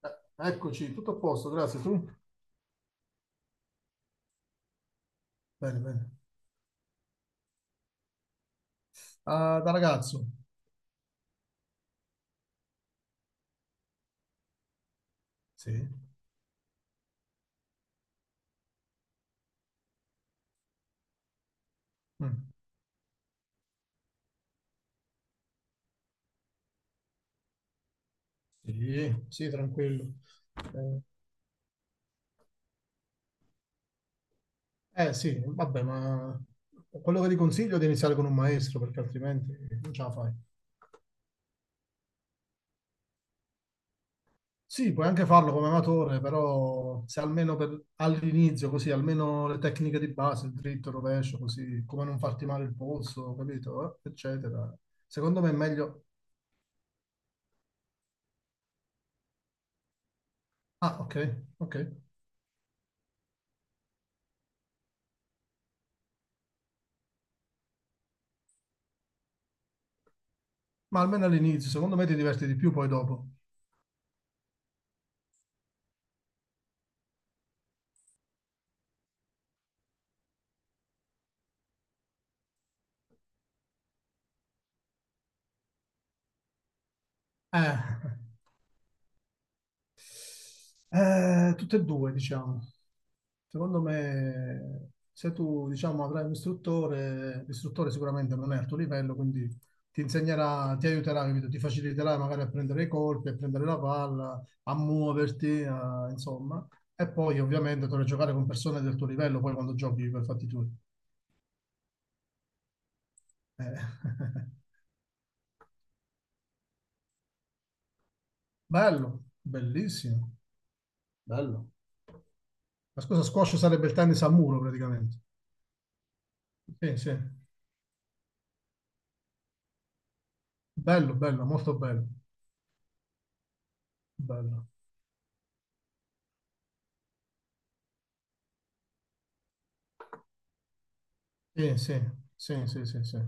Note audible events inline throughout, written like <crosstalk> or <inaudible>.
Eh, Eccoci, tutto a posto, grazie. Tu? Bene, bene. Ah, da ragazzo? Sì. Mm. Sì, sì, tranquillo. Eh, sì, vabbè, ma quello che ti consiglio è di iniziare con un maestro, perché altrimenti non ce la fai. Sì, puoi anche farlo come amatore, però se almeno all'inizio, così, almeno le tecniche di base, il dritto, il rovescio, così, come non farti male il polso, capito? Eccetera. Secondo me è meglio... Ah, ok, ok. Ma almeno all'inizio, secondo me ti diverti di più poi dopo. Eh, tutte e due, diciamo. Secondo me, se tu, diciamo, avrai un istruttore, l'istruttore sicuramente non è al tuo livello, quindi ti insegnerà, ti aiuterà, capito? Ti faciliterà magari a prendere i colpi, a prendere la palla, a muoverti, insomma. E poi ovviamente dovrai giocare con persone del tuo livello, poi quando giochi per fatti tuoi. Eh. <laughs> Bello, bellissimo, bello. La scusa, squash sarebbe il tennis a muro praticamente. Sì, sì. Bello, bello, molto bello. Bello. Sì, sì, sì, sì, sì, sì.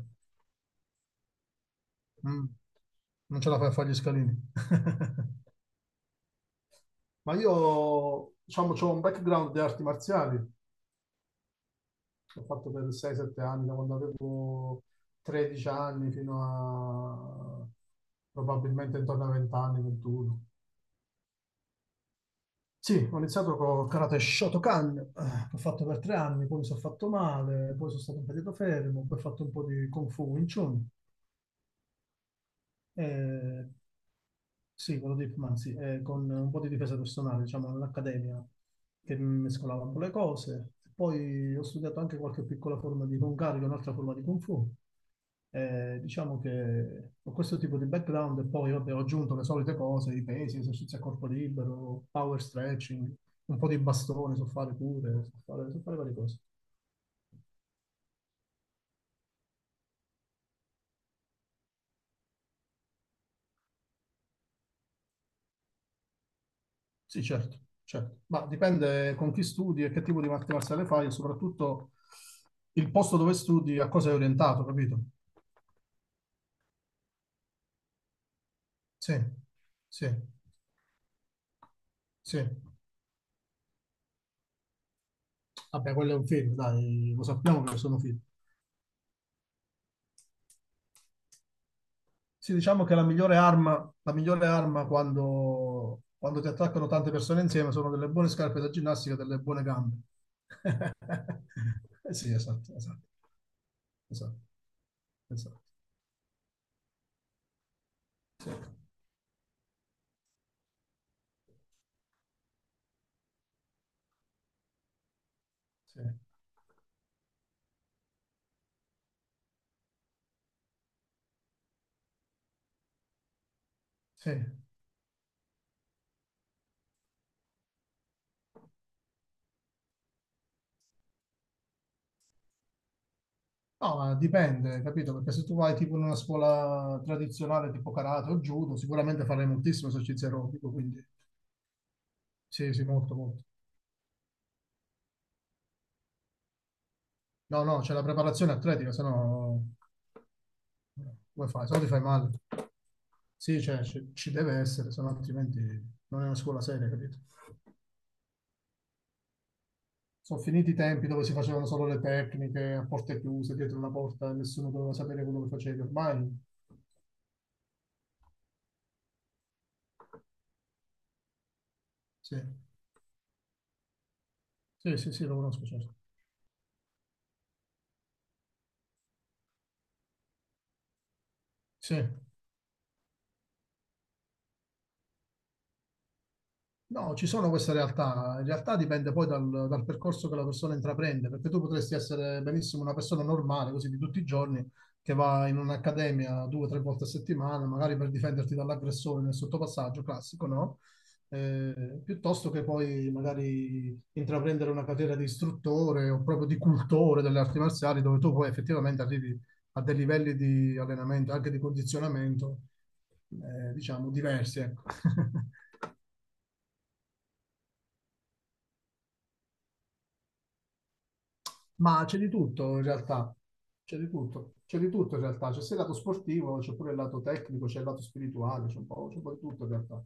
Mm. Non ce la fai a fare gli scalini. <laughs> Ma io, diciamo, ho un background di arti marziali, l'ho fatto per 6-7 anni, da quando avevo 13 anni fino a probabilmente intorno ai 20 anni, 21. Sì, ho iniziato con karate Shotokan, che ho fatto per tre anni, poi mi sono fatto male, poi sono stato un periodo fermo, poi ho fatto un po' di Kung Fu Wing Chun. Eh, Sì, quello di Manzi, con un po' di difesa personale, diciamo, all'accademia, che mescolava un po' le cose. Poi ho studiato anche qualche piccola forma di Kung Karate, un'altra forma di Kung Fu. Diciamo che ho questo tipo di background e poi vabbè, ho aggiunto le solite cose, i pesi, esercizi a corpo libero, power stretching, un po' di bastone, so fare pure, so fare varie cose. Sì, certo, certo. Ma dipende con chi studi e che tipo di arti marziale fai e soprattutto il posto dove studi a cosa è orientato, capito? Sì, sì, sì. Vabbè, quello è un film, dai, lo sappiamo che sono film. Sì, diciamo che la migliore arma quando, quando ti attaccano tante persone insieme sono delle buone scarpe da ginnastica e delle buone gambe. <laughs> Eh sì, esatto, esatto, esatto, esatto. Sì, sì. No, ma dipende, capito? Perché se tu vai tipo in una scuola tradizionale tipo karate o judo, sicuramente farai moltissimo esercizio aerobico, quindi sì, sì, molto, molto. No, no, c'è la preparazione atletica, se no come fai? Se no ti fai male. Sì, cioè, ci, ci deve essere, se no altrimenti non è una scuola seria, capito? Sono finiti i tempi dove si facevano solo le tecniche a porte chiuse, dietro una porta, e nessuno doveva sapere quello che facevi. Ormai, sì, sì, sì, sì, lo conosco, certo. Sì. No, ci sono queste realtà. In realtà dipende poi dal, dal percorso che la persona intraprende, perché tu potresti essere benissimo una persona normale, così di tutti i giorni, che va in un'accademia due o tre volte a settimana, magari per difenderti dall'aggressore nel sottopassaggio classico, no? Piuttosto che poi magari intraprendere una carriera di istruttore o proprio di cultore delle arti marziali, dove tu poi effettivamente arrivi a dei livelli di allenamento, anche di condizionamento, diciamo, diversi, ecco. <laughs> Ma c'è di tutto in realtà, c'è di tutto in realtà, c'è sia il lato sportivo, c'è pure il lato tecnico, c'è il lato spirituale, c'è un po' di tutto in realtà.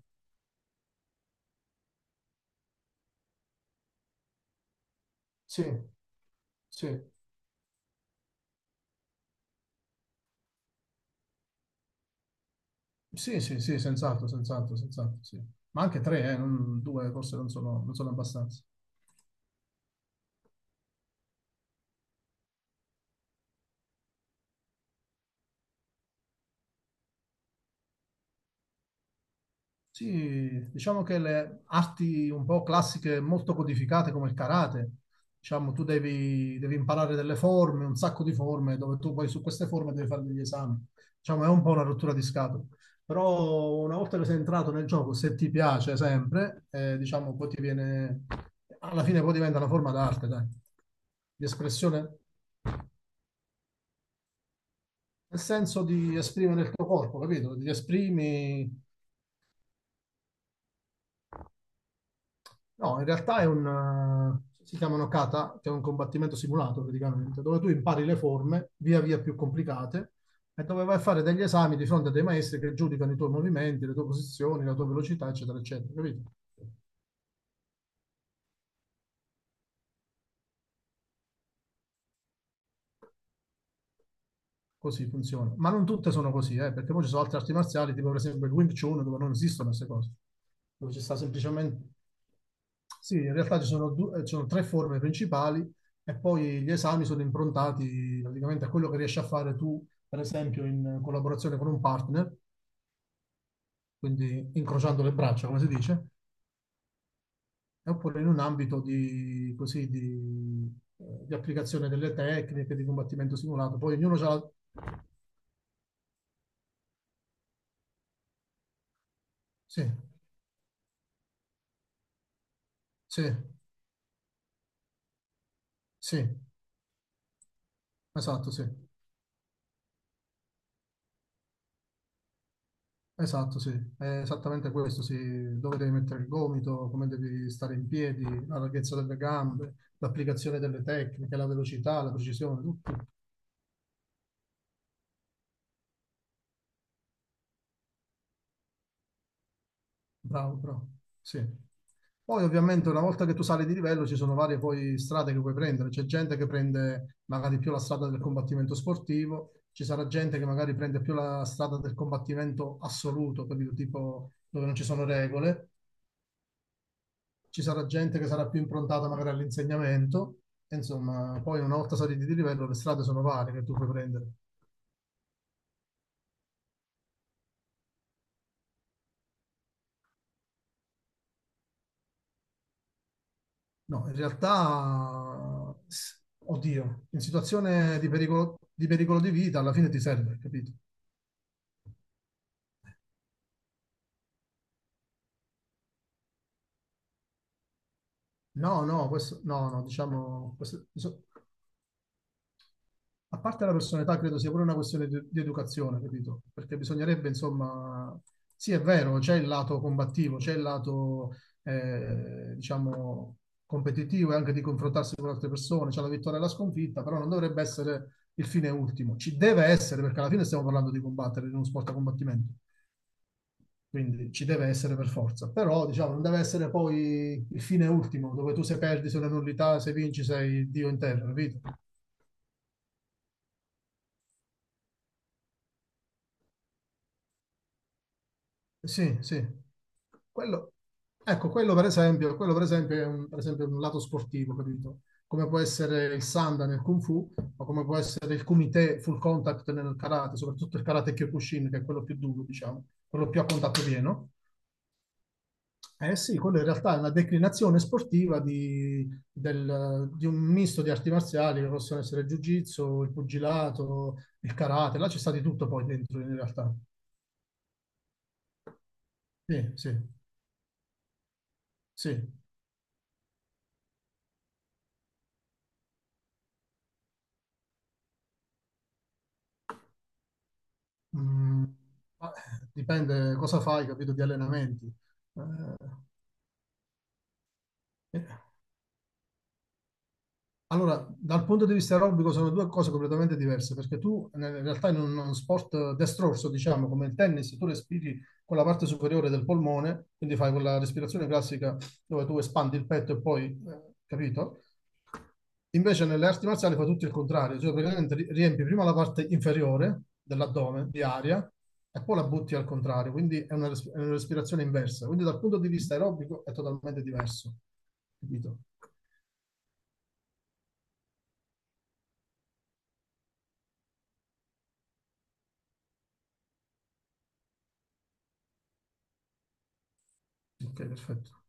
Sì, sì, sì, sì, sì, senz'altro, senz'altro, senz'altro, sì. Ma anche tre, due forse non sono, non sono abbastanza. Sì, diciamo che le arti un po' classiche molto codificate come il karate, diciamo tu devi, devi imparare delle forme, un sacco di forme, dove tu poi su queste forme devi fare degli esami. Diciamo è un po' una rottura di scatole. Però una volta che sei entrato nel gioco, se ti piace sempre, diciamo poi ti viene, alla fine poi diventa una forma d'arte, dai, di espressione, nel senso di esprimere il tuo corpo, capito? Ti esprimi No, in realtà è un, si chiamano kata, che è un combattimento simulato praticamente, dove tu impari le forme via via più complicate e dove vai a fare degli esami di fronte a dei maestri che giudicano i tuoi movimenti, le tue posizioni, la tua velocità, eccetera, eccetera, capito? Così funziona. Ma non tutte sono così, perché poi ci sono altre arti marziali, tipo per esempio il Wing Chun, dove non esistono queste cose, dove ci sta semplicemente Sì, in realtà ci sono, ci sono tre forme principali e poi gli esami sono improntati praticamente a quello che riesci a fare tu, per esempio, in collaborazione con un partner, quindi incrociando le braccia, come si dice, e oppure in un ambito di, così, di applicazione delle tecniche di combattimento simulato. Poi ognuno ha... Sì, sì, sì, esatto, sì. Esatto, sì, è esattamente questo, sì, dove devi mettere il gomito, come devi stare in piedi, la larghezza delle gambe, l'applicazione delle tecniche, la velocità, la precisione, tutto. Bravo, bravo. Sì. Poi ovviamente una volta che tu sali di livello ci sono varie poi strade che puoi prendere, c'è gente che prende magari più la strada del combattimento sportivo, ci sarà gente che magari prende più la strada del combattimento assoluto, capito? Tipo dove non ci sono regole, ci sarà gente che sarà più improntata magari all'insegnamento, e insomma, poi una volta saliti di livello le strade sono varie che tu puoi prendere. No, in realtà, oddio, in situazione di pericolo di, pericolo di vita alla fine ti serve, capito? No, no, questo, no, no, diciamo, questo, so, a parte la personalità, credo sia pure una questione di educazione, capito? Perché bisognerebbe, insomma, sì, è vero, c'è il lato combattivo, c'è il lato, diciamo, competitivo e anche di confrontarsi con altre persone, c'è la vittoria e la sconfitta, però non dovrebbe essere il fine ultimo. Ci deve essere, perché alla fine stiamo parlando di combattere in uno sport a combattimento, quindi ci deve essere per forza, però, diciamo, non deve essere poi il fine ultimo, dove tu se perdi, se una nullità, se vinci, sei Dio in terra, capito? Sì, sì. Quello, ecco, quello per esempio è un, per esempio un lato sportivo, capito? Come può essere il Sanda nel Kung Fu, o come può essere il Kumite Full Contact nel Karate, soprattutto il Karate Kyokushin, che è quello più duro, diciamo, quello più a contatto pieno. Eh sì, quello in realtà è una declinazione sportiva di, di un misto di arti marziali che possono essere il Jiu-Jitsu, il pugilato, il Karate, là c'è stato di tutto poi dentro in realtà. Sì, sì, sì. Mm, ma, dipende cosa fai, capito, di allenamenti. Eh, Allora, dal punto di vista aerobico sono due cose completamente diverse, perché tu in realtà in uno sport destrorso, diciamo, come il tennis, tu respiri con la parte superiore del polmone, quindi fai quella respirazione classica dove tu espandi il petto e poi, capito? Invece nelle arti marziali fa tutto il contrario, cioè praticamente riempi prima la parte inferiore dell'addome di aria e poi la butti al contrario, quindi è una, è una respirazione inversa. Quindi dal punto di vista aerobico è totalmente diverso, capito? Ok, perfetto.